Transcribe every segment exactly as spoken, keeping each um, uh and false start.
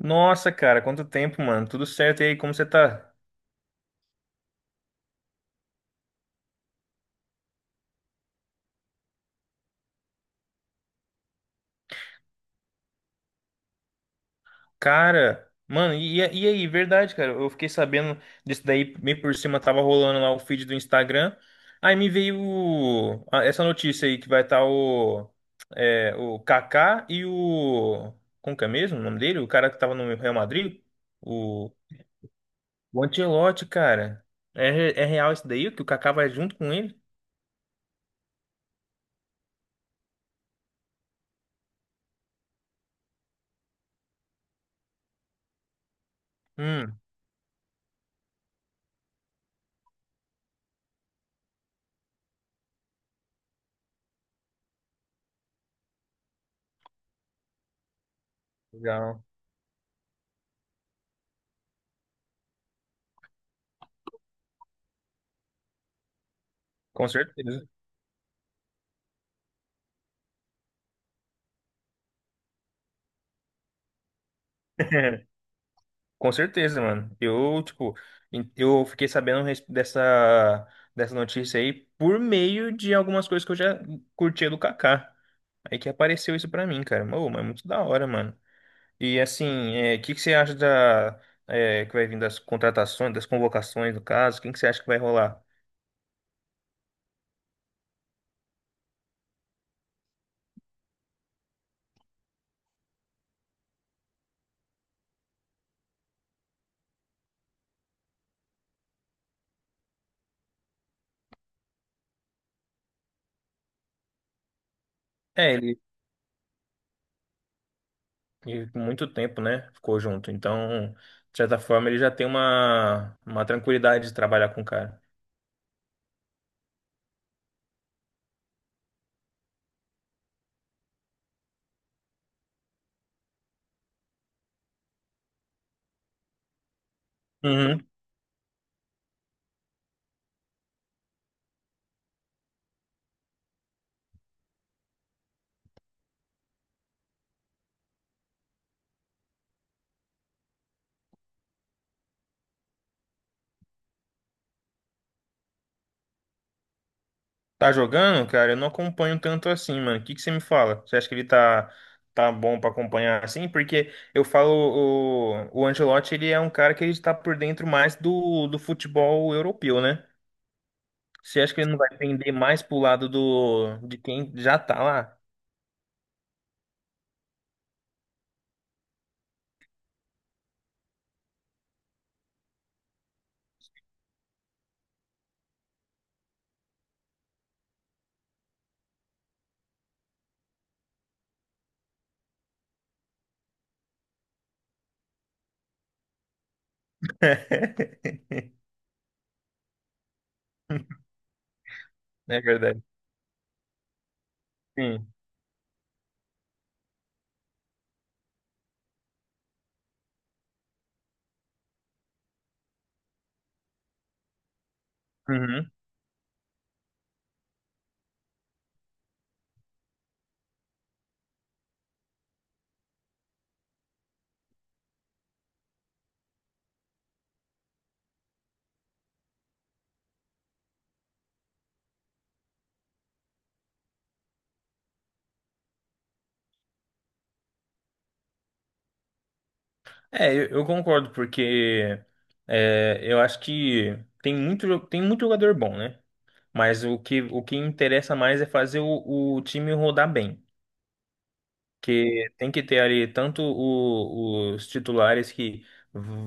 Nossa, cara, quanto tempo, mano. Tudo certo e aí, como você tá? Cara, mano, e, e aí, verdade, cara. Eu fiquei sabendo disso daí, meio por cima, tava rolando lá o feed do Instagram. Aí me veio o- a- essa notícia aí que vai estar o, é, o Kaká e o. Como que é mesmo o nome dele? O cara que tava no Real Madrid? O, o Ancelotti, cara. É, re- é real isso daí? Que o Kaká vai junto com ele? Hum, Legal. Com certeza. Com certeza, mano. Eu, tipo, em- eu fiquei sabendo res- dessa, dessa notícia aí por meio de algumas coisas que eu já curtia do Kaká. Aí que apareceu isso pra mim, cara. Ô, mas é muito da hora, mano. E assim, é, o que que você acha da, é, que vai vir das contratações, das convocações, no caso? Quem que você acha que vai rolar? É, ele, ele por muito tempo, né, ficou junto. Então, de certa forma, ele já tem uma, uma tranquilidade de trabalhar com o cara. Uhum. Tá jogando, cara? Eu não acompanho tanto assim, mano. O que que você me fala? Você acha que ele tá, tá bom pra acompanhar assim? Porque eu falo, o, o Ancelotti, ele é um cara que ele está por dentro mais do, do futebol europeu, né? Você acha que ele não vai pender mais pro lado do, de quem já tá lá? É verdade. Sim. Uhum. É, eu, eu concordo, porque é, eu acho que tem muito, jo- tem muito jogador bom, né? Mas o que, o que interessa mais é fazer o, o time rodar bem. Que tem que ter ali tanto o- os titulares que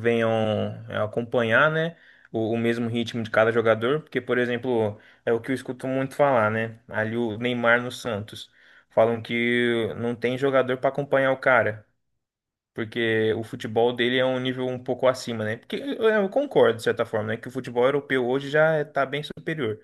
venham é, acompanhar, né? O, o mesmo ritmo de cada jogador. Porque, por exemplo, é o que eu escuto muito falar, né? Ali o Neymar no Santos. Falam que não tem jogador para acompanhar o cara. Porque o futebol dele é um nível um pouco acima, né? Porque eu eu concordo, de certa forma, né? Que o futebol europeu hoje já está bem superior.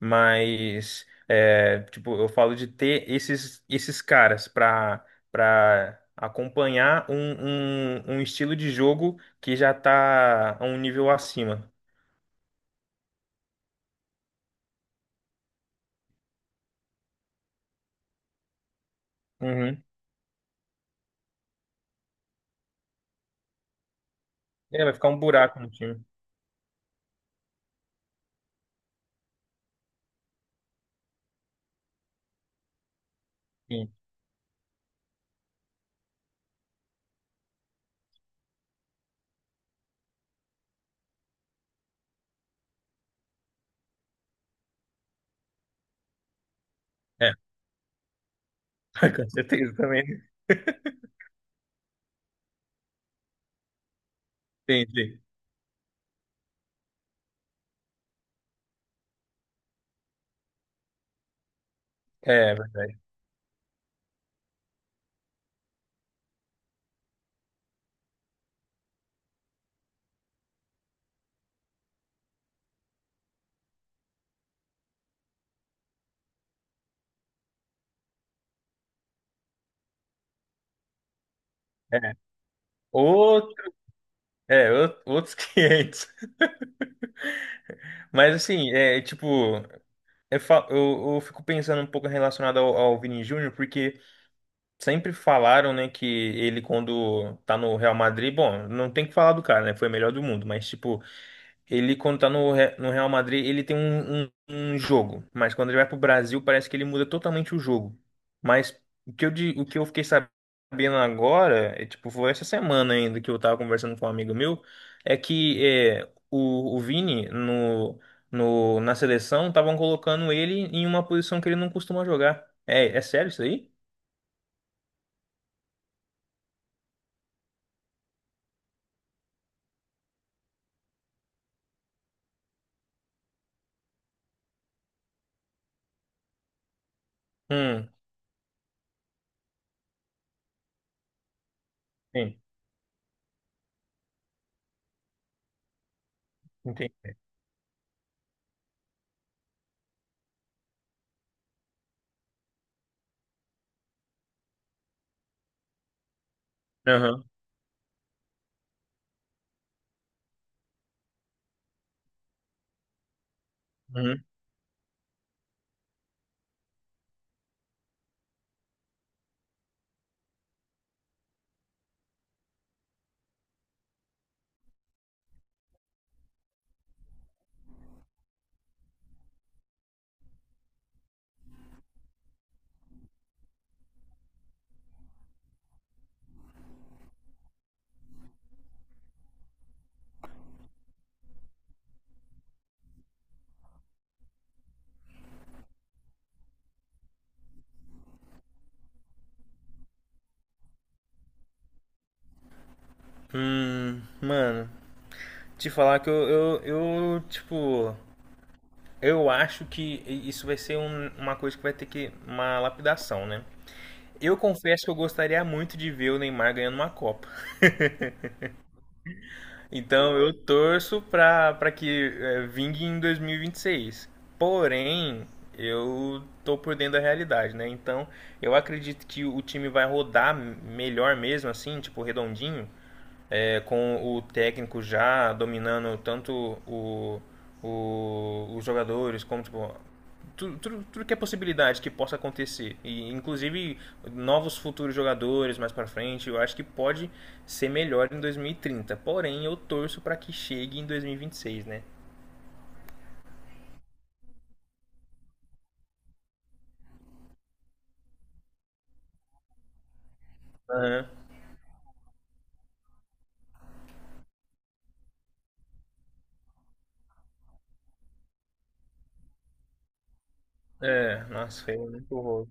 Mas, é, tipo, eu falo de ter esses, esses caras para para acompanhar um, um, um estilo de jogo que já tá a um nível acima. Uhum. É, vai ficar um buraco no time. Sim. É, com certeza também. Entendi. É, verdade. É. Outro, é, ou- outros quinhentos. Mas assim, é tipo, eu, fa- eu, eu fico pensando um pouco relacionado ao, ao Vini Júnior, porque sempre falaram, né, que ele quando tá no Real Madrid, bom, não tem que falar do cara, né? Foi o melhor do mundo, mas tipo, ele quando tá no, Re- no Real Madrid, ele tem um, um, um jogo, mas quando ele vai pro Brasil, parece que ele muda totalmente o jogo. Mas o que eu, di- o que eu fiquei sabendo agora, é, tipo, foi essa semana ainda que eu tava conversando com um amigo meu, é que é, o, o Vini no, no, na seleção estavam colocando ele em uma posição que ele não costuma jogar. É, é sério isso aí? Hum. Sim. Entendi. Aham. Uhum. Hum, mano, te falar que eu, eu, eu, tipo, eu acho que isso vai ser um- uma coisa que vai ter que, uma lapidação, né? Eu confesso que eu gostaria muito de ver o Neymar ganhando uma Copa. Então eu torço pra, pra que é, vingue em dois mil e e vinte e seis. Porém, eu tô por dentro da realidade, né? Então eu acredito que o time vai rodar melhor mesmo, assim, tipo, redondinho. É, com o técnico já dominando tanto o, o- os jogadores, como tipo, tudo, tudo, tudo que é possibilidade que possa acontecer, e inclusive novos futuros jogadores mais para frente, eu acho que pode ser melhor em dois mil e trinta, porém eu torço para que chegue em dois mil e vinte e seis, né? Aham. É, nossa, foi muito horror.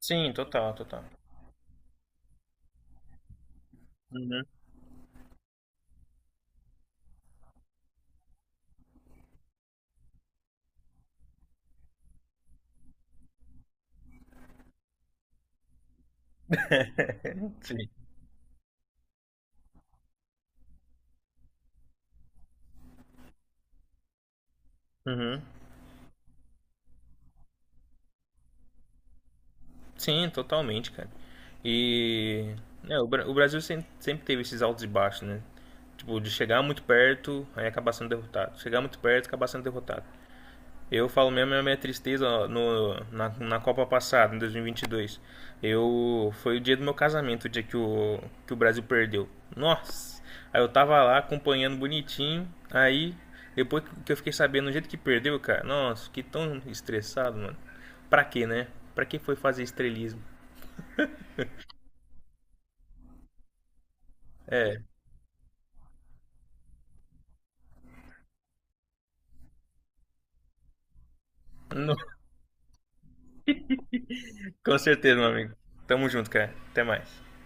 Sim, total, total. Uhum. Sim. Uhum. Sim, totalmente, cara. E é, o Bra- o Brasil sem- sempre teve esses altos e baixos, né? Tipo, de chegar muito perto, aí acabar sendo derrotado. Chegar muito perto, acabar sendo derrotado. Eu falo mesmo é a minha tristeza ó, no, na, na Copa passada, em dois mil e vinte e dois. Eu, foi o dia do meu casamento, o dia que o, que o Brasil perdeu. Nossa! Aí eu tava lá acompanhando bonitinho, aí depois que eu fiquei sabendo do jeito que perdeu, cara, nossa, fiquei tão estressado, mano. Pra quê, né? Pra que foi fazer estrelismo? É, não- com certeza, meu amigo. Tamo junto, cara. Até mais.